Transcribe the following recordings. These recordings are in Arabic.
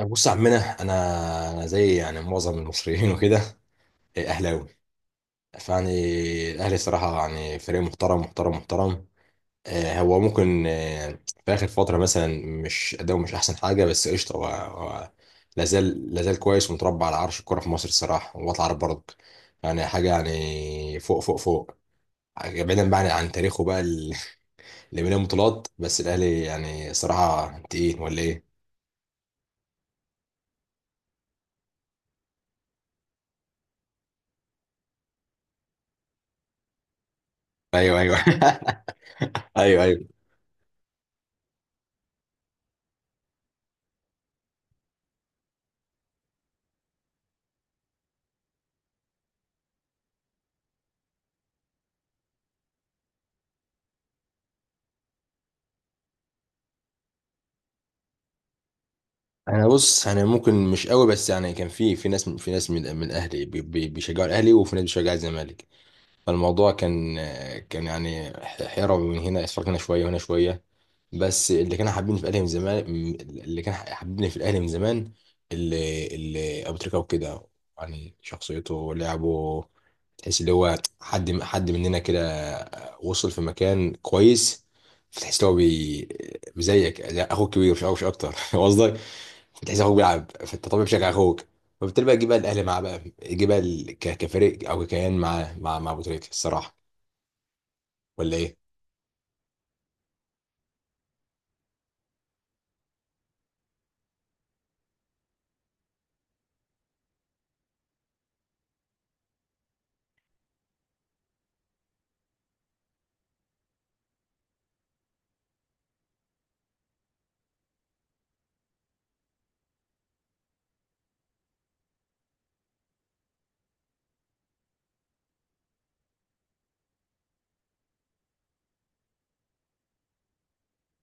بص يا عمنا، انا زي، يعني، معظم المصريين وكده. إيه، اهلاوي. فيعني الاهلي صراحه يعني فريق محترم محترم محترم. هو ممكن، في اخر فتره مثلا، مش اداؤه مش احسن حاجه، بس قشطه. هو لا زال كويس ومتربع على عرش الكوره في مصر الصراحه. وطلع عارف برضك يعني حاجه يعني فوق فوق فوق. بعيدا بقى عن تاريخه بقى اللي مليان بطولات. بس الاهلي يعني صراحه تقيل، ولا ايه؟ ايوه، ايوه. ايوه، ايوه. بص، انا ممكن مش قوي، بس يعني كان في ناس من اهلي بيشجعوا الاهلي، وفي ناس بيشجعوا الزمالك. فالموضوع كان، يعني، حيرة، من هنا اسفار، هنا شويه وهنا شويه. بس اللي كانوا حابيني في الاهلي من زمان، اللي كان حابيني في الاهلي من زمان اللي ابو تريكه وكده. يعني شخصيته ولعبه تحس اللي هو حد مننا كده وصل في مكان كويس. فتحس اللي هو زيك زي اخوك كبير، مش اكتر. قصدك بتحس اخوك بيلعب، فانت طبيعي بتشجع اخوك. فبالتالي بقى جه بقى الاهلي معاه بقى جه بقى كفريق او كيان مع ابو تريكه الصراحه، ولا ايه؟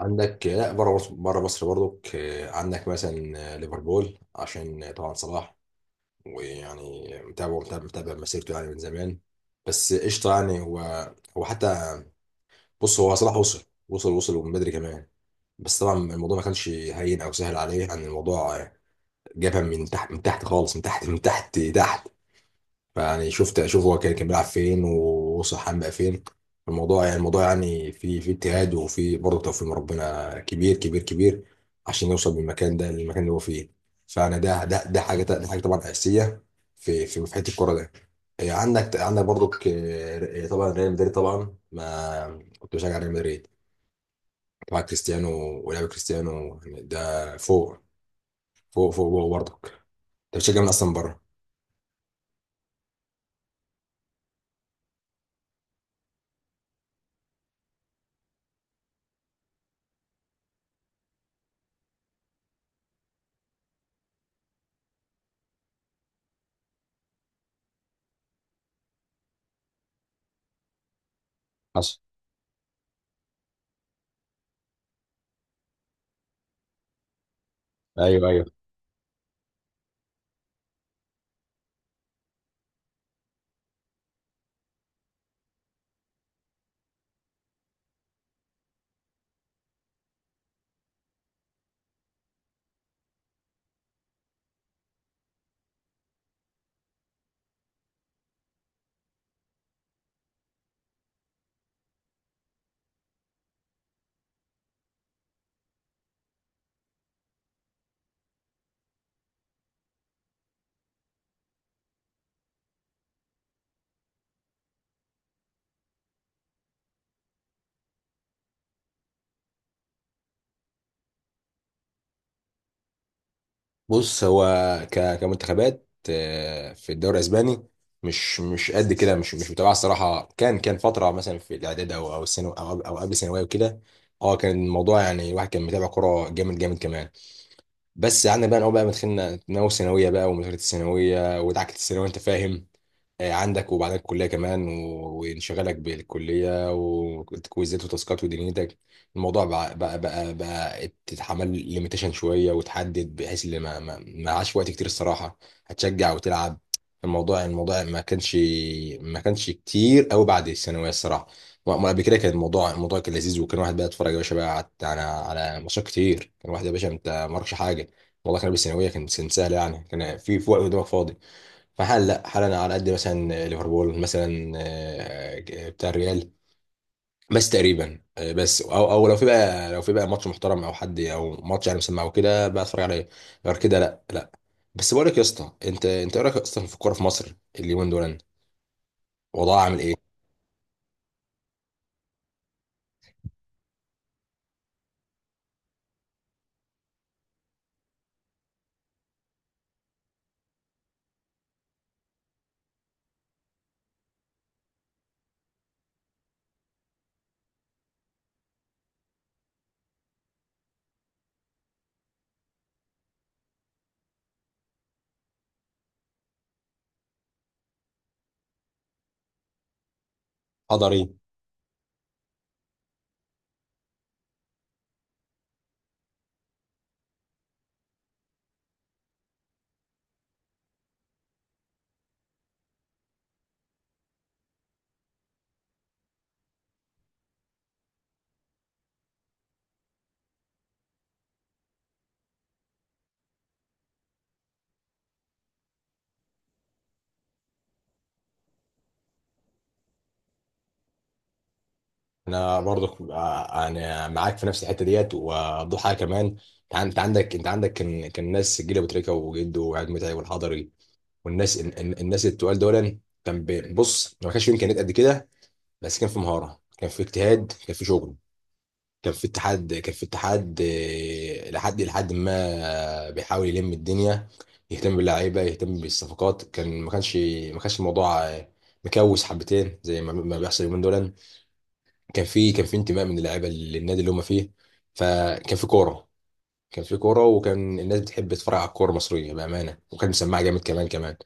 عندك لا، بره مصر، برضك، عندك مثلا، ليفربول عشان طبعا صلاح. ويعني متابع مسيرته يعني من زمان. بس قشطه. يعني هو حتى، بص، هو صلاح وصل، ومن بدري كمان. بس طبعا الموضوع ما كانش هين او سهل عليه. يعني الموضوع جابها من تحت، من تحت خالص، من تحت، من تحت. يعني اشوف هو كان بيلعب فين ووصل حام بقى فين. الموضوع يعني، الموضوع يعني، في اجتهاد وفي برضه توفيق من ربنا كبير كبير كبير، عشان يوصل بالمكان ده للمكان اللي هو فيه. فانا ده حاجه، ده حاجه طبعا اساسيه في حته الكوره ده. إيه، عندك، برضه طبعا ريال مدريد. طبعا ما كنت بشجع ريال مدريد. طبعا كريستيانو ولعب كريستيانو، يعني ده فوق فوق فوق فوق برضك انت. بتشجع من اصلا بره. حصل. ايوه، ايوه. بص، هو كمنتخبات، في الدوري الاسباني، مش قد كده. مش متابعه الصراحه. كان فتره مثلا في الاعداد او الثانوي، او قبل الثانويه وكده. اه، كان الموضوع يعني، الواحد كان متابع كوره جامد جامد كمان. بس قعدنا بقى نقول بقى مدخلنا ناوي ثانويه بقى، ومذاكره الثانويه ودعكه الثانويه، انت فاهم. عندك وبعدين الكليه كمان، وانشغالك بالكليه، وكويزات وتاسكات ودنيتك. الموضوع بقى، بقى تتحمل ليميتيشن شويه، وتحدد بحيث اللي ما عاش وقت كتير الصراحه. هتشجع وتلعب. الموضوع، ما كانش، كتير قوي بعد الثانويه الصراحه. وأما قبل كده كان الموضوع، كان لذيذ، وكان واحد بقى يتفرج يا باشا بقى على، على على ماتشات كتير. كان واحد يا باشا انت ما وراكش حاجه. والله كان بالثانويه كان سهل. يعني كان في وقت قدامك فاضي. فحال لا حال، انا على قد مثلا ليفربول مثلا، بتاع الريال بس تقريبا، بس، او لو في بقى، لو في بقى ماتش محترم او حد او ماتش يعني مسمع او كده، بتفرج عليه. غير كده لا، لا. بس بقول لك يا اسطى، انت ايه رايك اصلا في الكوره في مصر اليومين دول؟ وضعها عامل ايه؟ قدري. انا برضك، انا معاك في نفس الحته ديت. وضحى كمان انت عندك كان ناس جيل ابو تريكه وجده وعيد متعب والحضري، الناس التقال دول. كان بص، ما كانش فيه امكانيات قد كده. بس كان في مهاره، كان في اجتهاد، كان في شغل، كان في اتحاد، كان في اتحاد، لحد ما بيحاول يلم الدنيا، يهتم باللعيبه، يهتم بالصفقات. كان ما كانش، الموضوع، مكوس حبتين زي ما بيحصل اليومين دول. كان في، انتماء من اللعيبه للنادي اللي هم فيه. فكان في كوره، وكان الناس بتحب تتفرج على الكوره المصريه بامانه، وكان مسمعه جامد كمان كمان.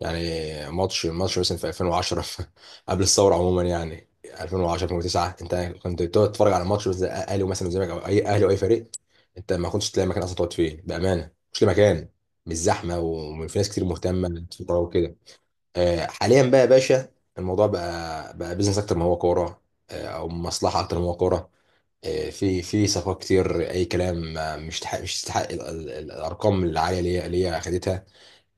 يعني ماتش مثلا في 2010، قبل الثوره عموما. يعني 2010، 2009، انت كنت بتقعد تتفرج على ماتش زي اهلي ومثلا والزمالك، او اي اهلي او اي فريق، انت ما كنتش تلاقي مكان اصلا تقعد فيه بامانه. مش لاقي مكان، مش زحمه، وفي ناس كتير مهتمه بالكوره وكده. حاليا بقى يا باشا الموضوع بقى، بيزنس اكتر ما هو كوره، او مصلحه اكتر ما هو كوره. في صفقات كتير اي كلام، مش تستحق الارقام العاليه اللي هي خدتها.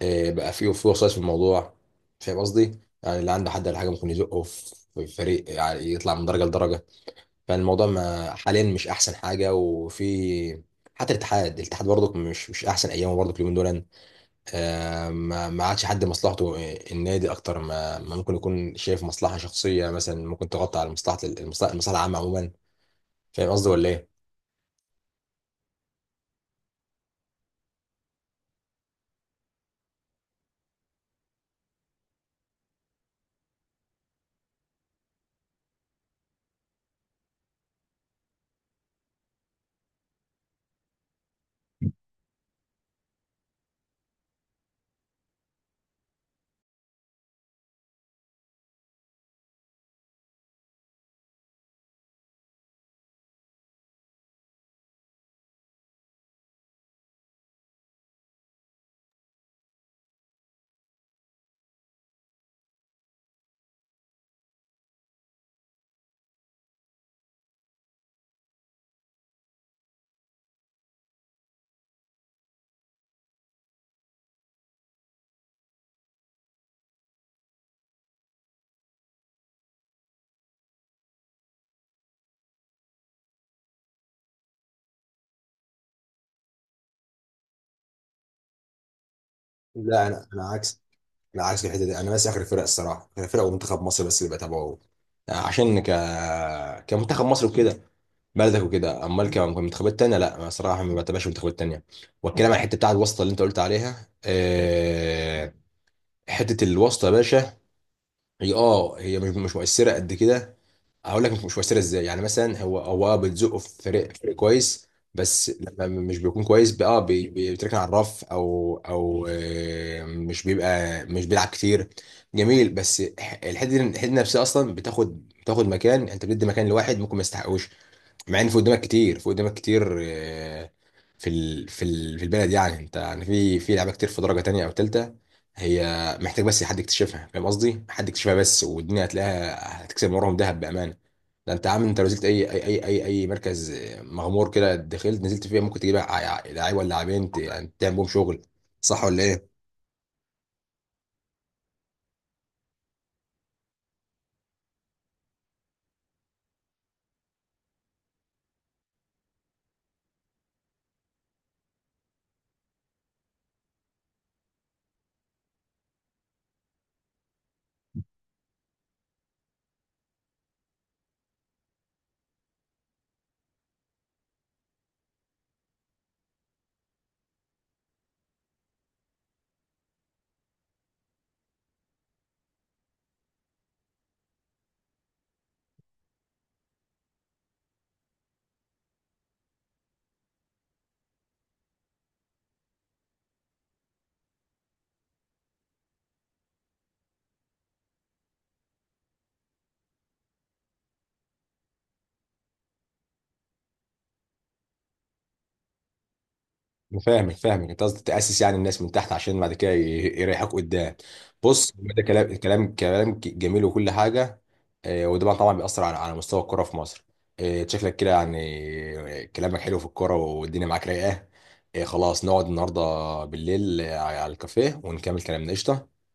بقى فيه في وسواس في الموضوع. فاهم قصدي؟ يعني اللي عنده حد ولا حاجه ممكن يزقه في فريق، يعني يطلع من درجه لدرجه. فالموضوع ما، حاليا مش احسن حاجه. وفي حتى الاتحاد، الاتحاد برضك مش احسن ايامه برضك اليومين دول. ما عادش حد مصلحته، النادي اكتر ما ممكن يكون شايف مصلحه شخصيه، مثلا ممكن تغطي على مصلحه، المصلحه المصلحه العامه عموما. فاهم قصدي ولا ايه؟ لا، انا عكس، لا عكس الحته دي. انا بس اخر فرق الصراحه، اخر فرق ومنتخب مصر بس اللي بتابعه. عشان كمنتخب مصر وكده، بلدك وكده. امال كمنتخبات تانية لا، انا صراحه ما بتابعش منتخبات تانية. والكلام عن الحته بتاعت الواسطه اللي انت قلت عليها، حته الواسطه يا باشا، هي اه هي مش مؤثره قد كده. هقول لك مش مؤثره ازاي. يعني مثلا هو اه، بتزقه في فريق، كويس. بس لما مش بيكون كويس بقى اه، بيتركن على الرف، او مش بيبقى، مش بيلعب كتير. جميل. بس الحته دي نفسها اصلا بتاخد، مكان. انت بتدي مكان لواحد ممكن ما يستحقوش، مع ان في قدامك كتير، في البلد يعني. انت يعني في لعيبه كتير في درجه تانية او تالتة، هي محتاج بس حد يكتشفها. فاهم قصدي؟ حد يكتشفها بس، والدنيا هتلاقيها، هتكسب من وراهم ذهب بامانه. ده انت عامل، انت لو نزلت أي مركز مغمور كده، دخلت نزلت فيه، ممكن تجيب لعيب ولا لاعبين يعني تعمل بهم شغل. صح ولا ايه؟ أنا فاهمك انت. قصدك تاسس يعني الناس من تحت عشان بعد كده يريحوك قدام. بص هو ده كلام، كلام جميل وكل حاجه. وده طبعاً بيأثر على مستوى الكرة في مصر. شكلك كده، يعني، كلامك حلو في الكرة والدنيا معاك رايقه. خلاص، نقعد النهارده بالليل، على الكافيه ونكمل كلامنا قشطه.